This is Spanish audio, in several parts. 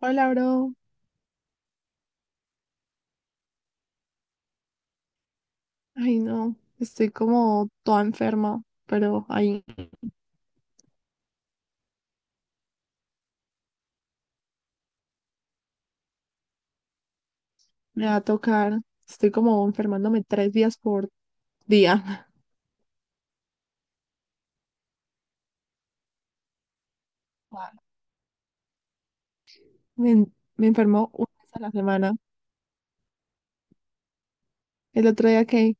Hola, bro. Ay, no, estoy como toda enferma, pero ahí me va a tocar. Estoy como enfermándome 3 días por día. Wow. Me enfermo una vez a la semana. El otro día que.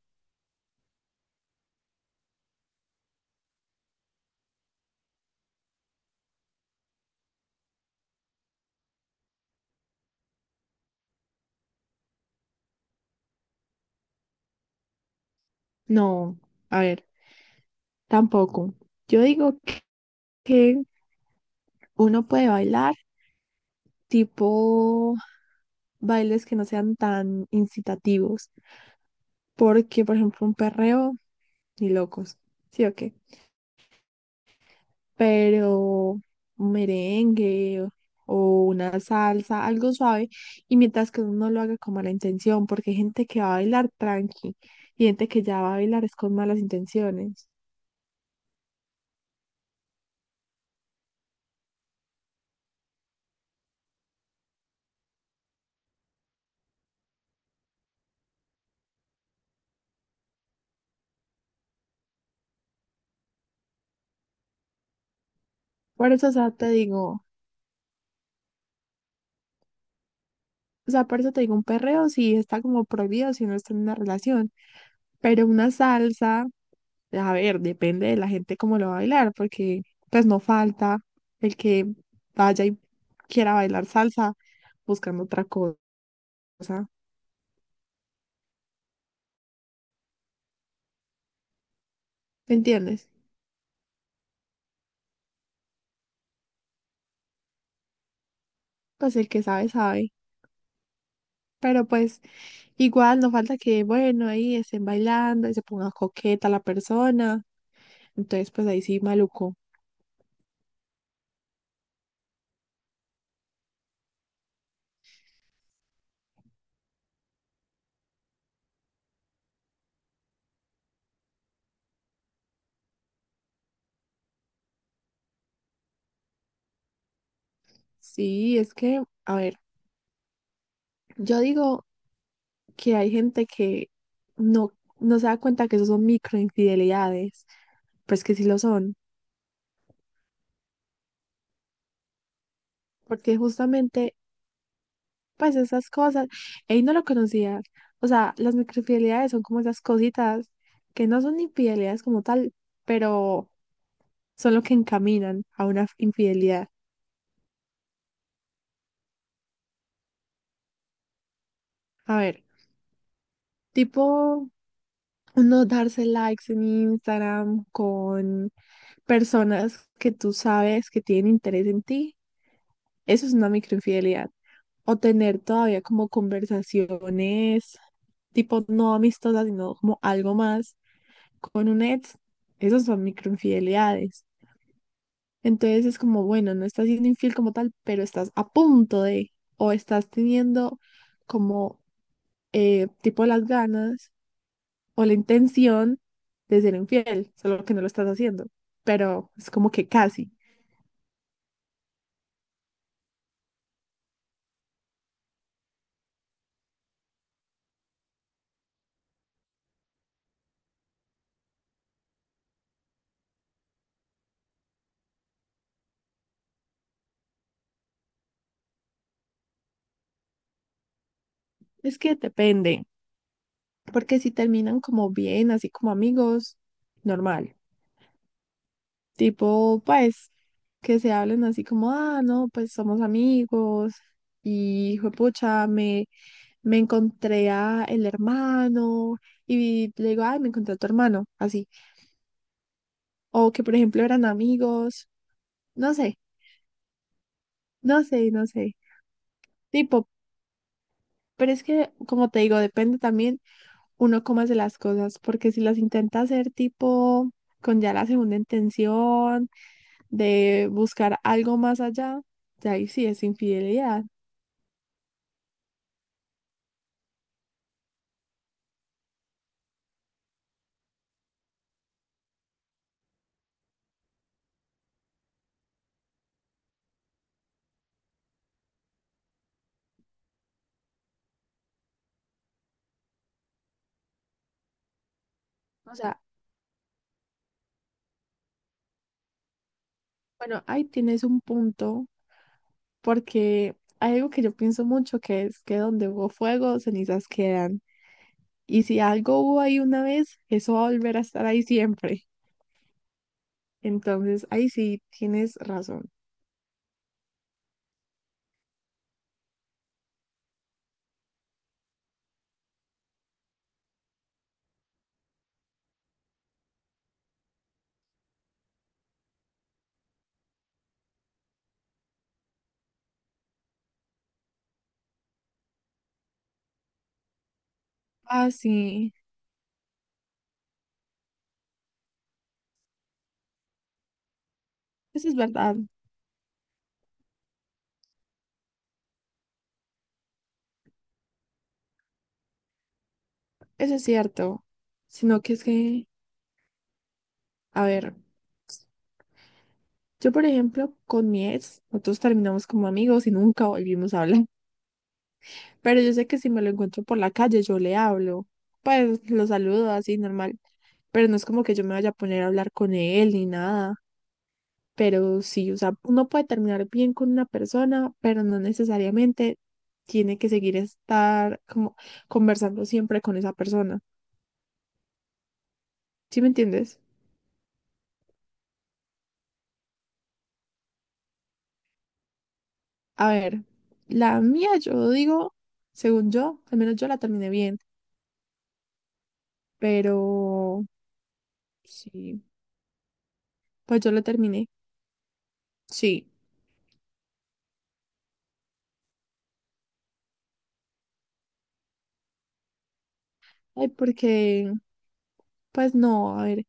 No, a ver, tampoco. Yo digo que uno puede bailar tipo bailes que no sean tan incitativos, porque, por ejemplo, un perreo, ni locos. ¿Sí o qué? Pero un merengue o una salsa, algo suave, y mientras que uno no lo haga con mala intención, porque hay gente que va a bailar tranqui y gente que ya va a bailar es con malas intenciones. Por eso, o sea, te digo, o sea, por eso te digo, un perreo sí está como prohibido si no está en una relación, pero una salsa, a ver, depende de la gente cómo lo va a bailar, porque pues no falta el que vaya y quiera bailar salsa buscando otra cosa, ¿me entiendes? Pues el que sabe, sabe. Pero pues igual no falta que, bueno, ahí estén bailando y se ponga coqueta la persona. Entonces, pues ahí sí, maluco. Sí, es que, a ver, yo digo que hay gente que no, no se da cuenta que eso son microinfidelidades, pues que sí lo son, porque justamente, pues esas cosas, él no lo conocía. O sea, las microinfidelidades son como esas cositas que no son infidelidades como tal, pero son lo que encaminan a una infidelidad. A ver, tipo uno darse likes en Instagram con personas que tú sabes que tienen interés en ti, eso es una microinfidelidad. O tener todavía como conversaciones tipo no amistosas, sino como algo más con un ex, esos son microinfidelidades. Entonces es como, bueno, no estás siendo infiel como tal, pero estás a punto de, o estás teniendo como tipo las ganas o la intención de ser infiel, solo que no lo estás haciendo, pero es como que casi. Es que depende, porque si terminan como bien, así como amigos, normal. Tipo, pues, que se hablen así como, ah, no, pues somos amigos y pucha me encontré a el hermano y le digo, ay, me encontré a tu hermano, así. O que, por ejemplo, eran amigos, no sé, no sé, no sé. Tipo, pero es que, como te digo, depende también uno cómo hace las cosas, porque si las intenta hacer tipo con ya la segunda intención de buscar algo más allá, ya ahí sí es infidelidad. O sea, bueno, ahí tienes un punto, porque hay algo que yo pienso mucho que es que donde hubo fuego, cenizas quedan. Y si algo hubo ahí una vez, eso va a volver a estar ahí siempre. Entonces, ahí sí tienes razón. Ah, sí, eso es verdad. Eso es cierto, sino que es que, a ver, yo por ejemplo, con mi ex, nosotros terminamos como amigos y nunca volvimos a hablar, pero yo sé que si me lo encuentro por la calle, yo le hablo, pues lo saludo así normal, pero no es como que yo me vaya a poner a hablar con él ni nada, pero sí, o sea, uno puede terminar bien con una persona, pero no necesariamente tiene que seguir estar como conversando siempre con esa persona, ¿sí me entiendes? A ver, la mía yo digo, según yo, al menos yo la terminé bien, pero sí, pues yo la terminé, sí. Ay, porque, pues no, a ver,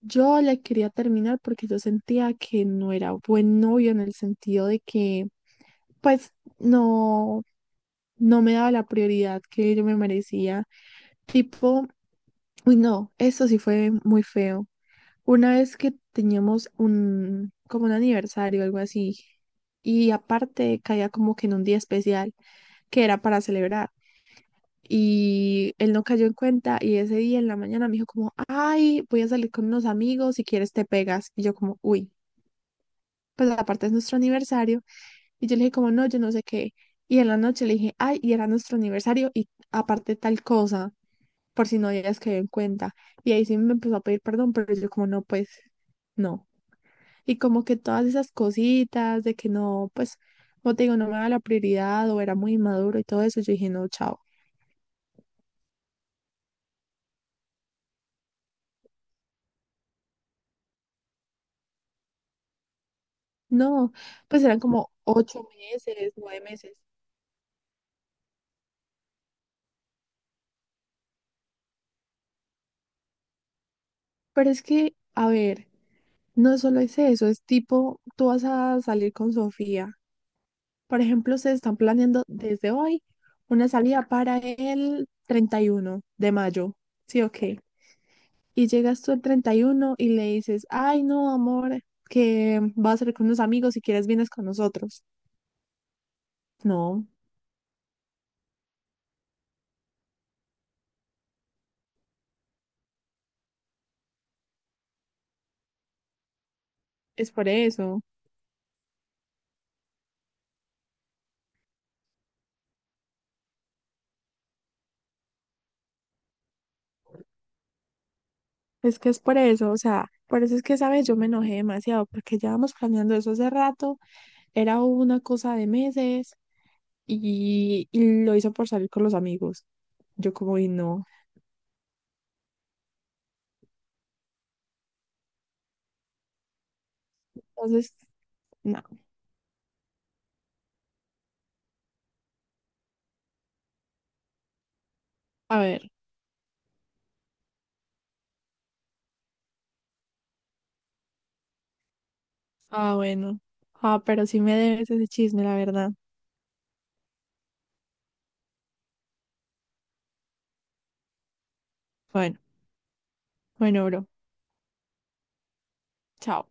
yo la quería terminar porque yo sentía que no era buen novio en el sentido de que, pues no, no me daba la prioridad que yo me merecía. Tipo, uy, no, eso sí fue muy feo. Una vez que teníamos como un aniversario, algo así, y aparte caía como que en un día especial que era para celebrar. Y él no cayó en cuenta y ese día en la mañana me dijo como, ay, voy a salir con unos amigos, si quieres te pegas. Y yo como, uy, pues aparte es nuestro aniversario. Y yo le dije como, no, yo no sé qué. Y en la noche le dije, ay, y era nuestro aniversario y aparte tal cosa, por si no habías caído en cuenta. Y ahí sí me empezó a pedir perdón, pero yo como, no, pues no. Y como que todas esas cositas de que no, pues, como te digo, no me daba la prioridad o era muy inmaduro y todo eso, yo dije, no, chao. No, pues eran como 8 meses, 9 meses. Pero es que, a ver, no solo es eso, es tipo, tú vas a salir con Sofía. Por ejemplo, se están planeando desde hoy una salida para el 31 de mayo. Sí, ok. Y llegas tú el 31 y uno y le dices, ay, no, amor, que vas a salir con unos amigos, si quieres vienes con nosotros. No, es por eso. Es que es por eso. O sea, por eso es que, ¿sabes? Yo me enojé demasiado porque llevamos planeando eso hace rato. Era una cosa de meses y lo hizo por salir con los amigos. Yo como, y no. Entonces, no. A ver. Ah, bueno. Ah, pero sí me debes ese chisme, la verdad. Bueno, bueno, bro. Chao.